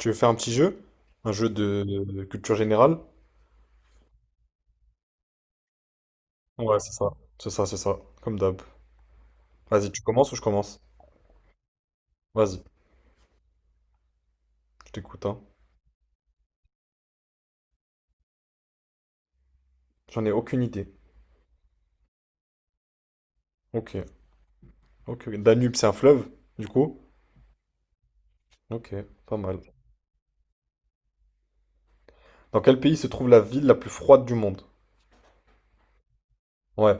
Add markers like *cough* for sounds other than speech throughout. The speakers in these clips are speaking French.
Tu veux faire un petit jeu? Un jeu de culture générale? Ouais, c'est ça. C'est ça, c'est ça. Comme d'hab. Vas-y, tu commences ou je commence? Vas-y, je t'écoute, hein. J'en ai aucune idée. Ok, ok. Ok. Danube, c'est un fleuve, du coup? Ok, pas mal. Dans quel pays se trouve la ville la plus froide du monde? Ouais,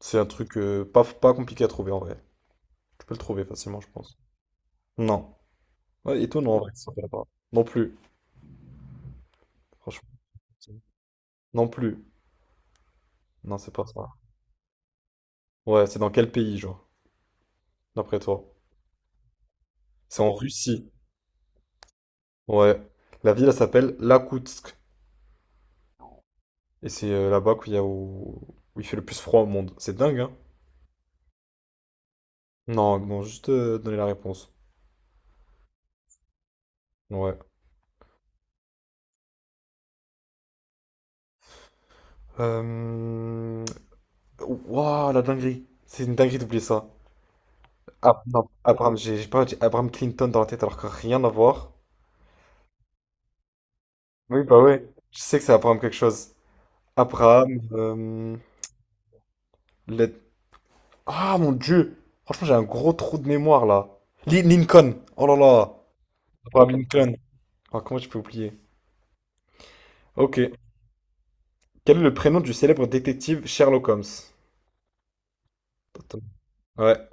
c'est un truc pas compliqué à trouver en vrai. Tu peux le trouver facilement, je pense. Non. Ouais, étonnant en vrai que ça soit là-bas. Non plus, franchement. Non plus. Non, c'est pas ça. Ouais, c'est dans quel pays, genre, d'après toi? C'est en Russie. Ouais. La ville, elle s'appelle Iakoutsk. Et c'est là-bas qu'il y a où il fait le plus froid au monde. C'est dingue, hein? Non, non, juste donner la réponse. Ouais. Euh... Waouh, la dinguerie. C'est une dinguerie d'oublier ça. Ah, non, Abraham, j'ai pas, j'ai Abraham Clinton dans la tête alors que rien à voir. Oui, bah ouais. Je sais que c'est Abraham quelque chose. Abraham, le- Ah, mon Dieu! Franchement, j'ai un gros trou de mémoire, là. Lincoln! Oh là là! Abraham Lincoln. Ah, comment je peux oublier? Ok. Quel est le prénom du célèbre détective Sherlock Holmes? Attends. Ouais,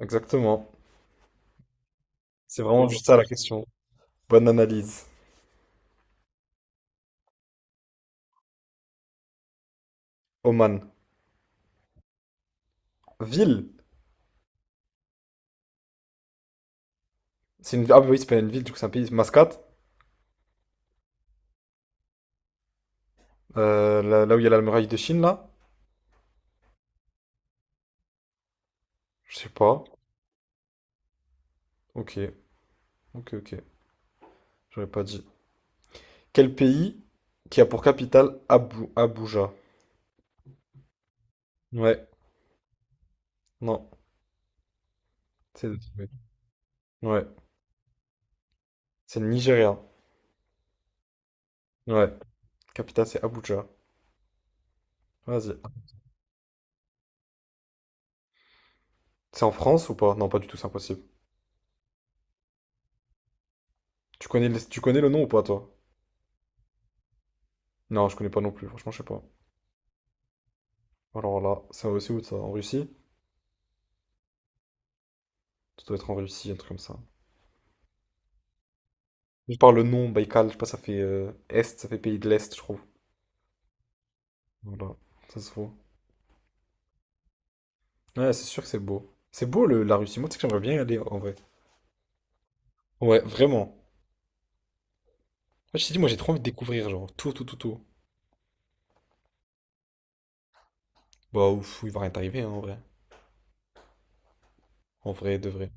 exactement. C'est vraiment juste ça la question. Bonne analyse. Oman. Ville. Ah bah oui, c'est pas une ville, du coup c'est un pays. Mascate. Là où il y a la muraille de Chine, là? Je sais pas. Ok, ok, ok. J'aurais pas dit. Quel pays qui a pour capitale Abuja? Ouais, non. C'est... Ouais. C'est le Nigeria. Ouais. Capitale c'est Abuja. Vas-y. C'est en France ou pas? Non, pas du tout, c'est impossible. Tu connais, tu connais le nom ou pas, toi? Non, je connais pas non plus, franchement, je sais pas. Alors là, ça aussi où ça? En Russie? Ça doit être en Russie, un truc comme ça. Je parle le nom, Baïkal, je sais pas, ça fait Est, ça fait pays de l'Est, je trouve. Voilà, ça se voit. Ouais, c'est sûr que c'est beau. C'est beau la Russie, moi tu sais que j'aimerais bien y aller en vrai. Ouais, vraiment. Moi, je t'ai dit, moi j'ai trop envie de découvrir, genre, tout, tout, tout, tout. Bah ouf, il va rien t'arriver hein, en vrai. En vrai, de vrai.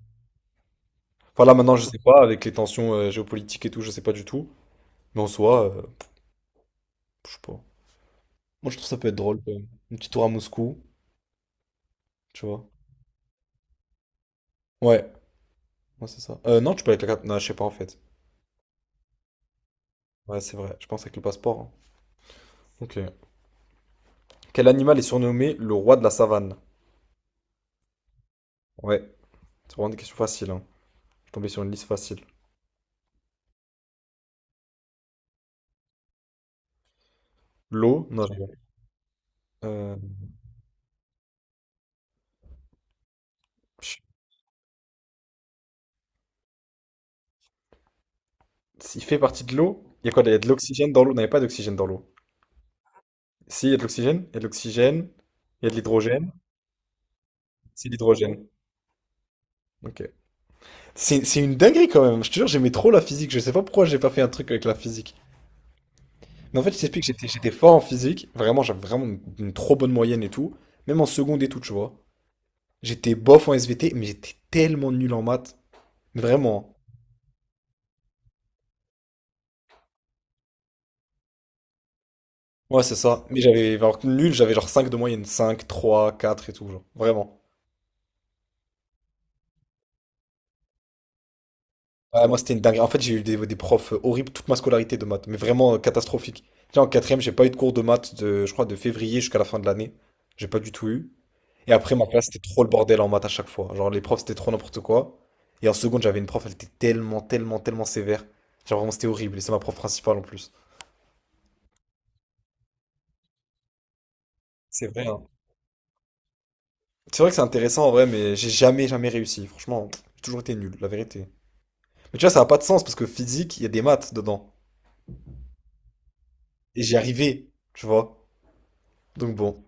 Enfin là maintenant, je sais pas, avec les tensions géopolitiques et tout, je sais pas du tout. Mais en soi, je sais pas. Moi je trouve ça peut être drôle quand même. Un petit tour à Moscou, tu vois. Ouais. Ouais, c'est ça. Non, tu peux avec la carte. Non, je sais pas en fait. Ouais, c'est vrai. Je pense avec le passeport. Hein. Ok. Quel animal est surnommé le roi de la savane? Ouais, c'est vraiment des questions faciles. Hein. Je suis tombé sur une liste facile. L'eau? Non, je rigole. Euh, je- Il fait partie de l'eau? Il y a quoi? Il y a de l'oxygène dans l'eau? Non, il n'y a pas d'oxygène dans l'eau. Si, il y a de l'oxygène. Il y a de l'oxygène. Il y a de l'hydrogène. C'est l'hydrogène. Ok. C'est une dinguerie quand même. Je te jure, j'aimais trop la physique. Je sais pas pourquoi j'ai pas fait un truc avec la physique. Mais en fait, je t'explique, j'étais fort en physique. Vraiment, j'avais vraiment une trop bonne moyenne et tout. Même en seconde et tout, tu vois. J'étais bof en SVT, mais j'étais tellement nul en maths. Vraiment. Ouais, c'est ça. Mais j'avais, alors que nul, j'avais genre 5 de moyenne. Cinq 3 4 et tout, genre. Vraiment. Ouais, moi, c'était une dinguerie. En fait, j'ai eu des profs horribles toute ma scolarité de maths. Mais vraiment catastrophique. Tu sais, en quatrième, j'ai pas eu de cours de maths de, je crois, de février jusqu'à la fin de l'année. J'ai pas du tout eu. Et après, ma classe, c'était trop le bordel en maths à chaque fois. Genre, les profs, c'était trop n'importe quoi. Et en seconde, j'avais une prof, elle était tellement, tellement, tellement sévère. Genre, vraiment, c'était horrible. Et c'est ma prof principale en plus. C'est vrai. Voilà. C'est vrai que c'est intéressant en vrai, mais j'ai jamais, jamais réussi. Franchement, j'ai toujours été nul, la vérité. Mais tu vois, ça n'a pas de sens parce que physique, il y a des maths dedans. Et j'y arrivais, tu vois. Donc bon,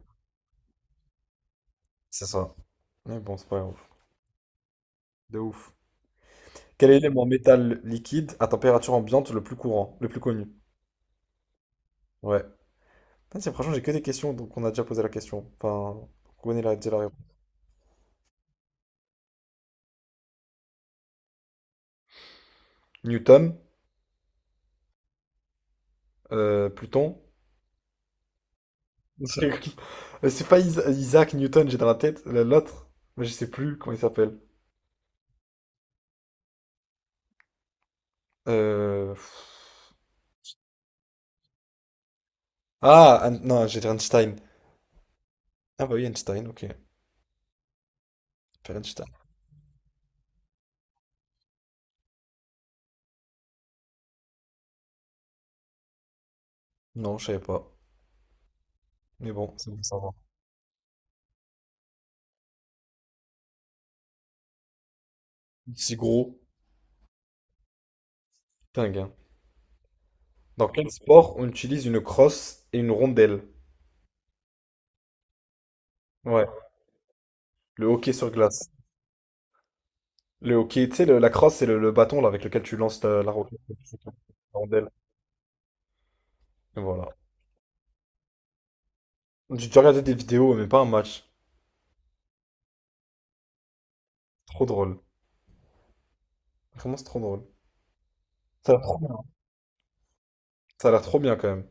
c'est ça. Mais bon, c'est pas grave. De ouf. Quel est l'élément métal liquide à température ambiante le plus courant, le plus connu? Ouais. Ah, franchement, j'ai que des questions, donc on a déjà posé la question. Enfin, on connaît la, déjà la réponse. Newton, Pluton. Je rigole. *laughs* C'est pas Isaac Newton, j'ai dans la tête l'autre, mais je sais plus comment il s'appelle. Euh, Ah, non, j'ai dit Einstein. Ah bah oui, Einstein, ok. Faire Einstein. Non, je savais pas. Mais bon, c'est bon, ça va. Si gros, dingue. Hein. Dans quel sport on utilise une crosse et une rondelle? Ouais, le hockey sur glace. Le hockey, tu sais, la crosse, c'est le bâton là, avec lequel tu lances la roquette, la rondelle. Voilà. J'ai déjà regardé des vidéos, mais pas un match. Trop drôle. Vraiment, c'est trop drôle. Ça a l'air trop bien. Ça a l'air trop bien quand même.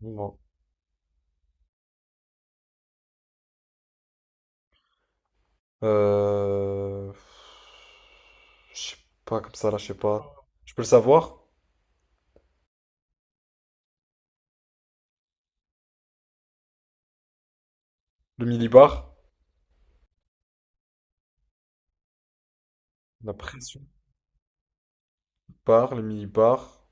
Bon. Euh... Je sais pas, comme ça là, je sais pas. Je peux le savoir? Le millibar? La pression par, le millibar.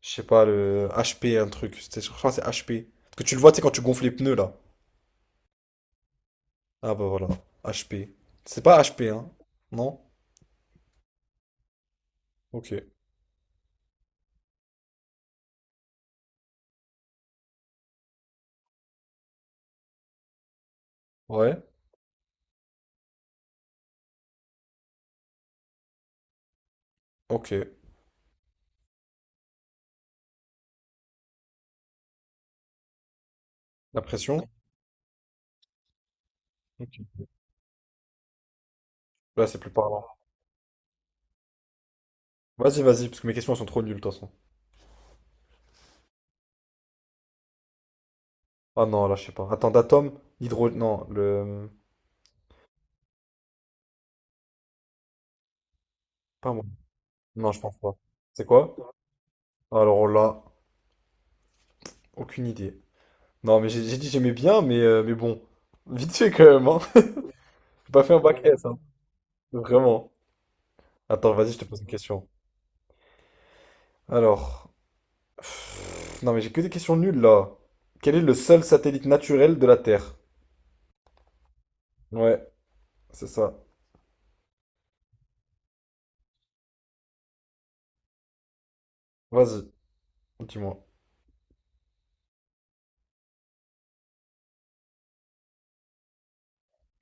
Je sais pas, le HP, un truc. Je crois que c'est HP. Parce que tu le vois, tu sais, quand tu gonfles les pneus là. Ah bah voilà. HP. C'est pas HP, hein? Non? Ok. Ouais. Ok. La pression? Là, c'est plus parlant. Vas-y, vas-y, parce que mes questions elles sont trop nulles de toute façon. Ah non, là, je sais pas. Attends, d'atome, Non. Pas moi. Non, je pense pas. C'est quoi? Alors là, aucune idée. Non, mais j'ai dit j'aimais bien, mais bon. Vite fait quand même, hein. *laughs* J'ai pas fait un bac S, hein. Vraiment. Attends, vas-y, je te pose une question. Alors, non, mais j'ai que des questions nulles, là. Quel est le seul satellite naturel de la Terre? Ouais, c'est ça. Vas-y, dis-moi.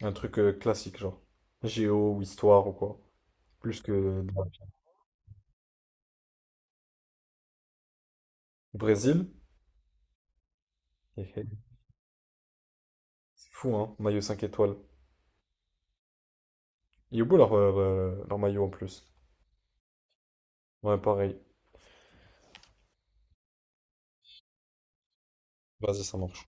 Un truc classique, genre. Géo ou histoire ou quoi. Plus que... Brésil? Hé, hé. C'est fou, hein, maillot 5 étoiles. Il est beau leur maillot en plus. Ouais, pareil. Vas-y, ça marche.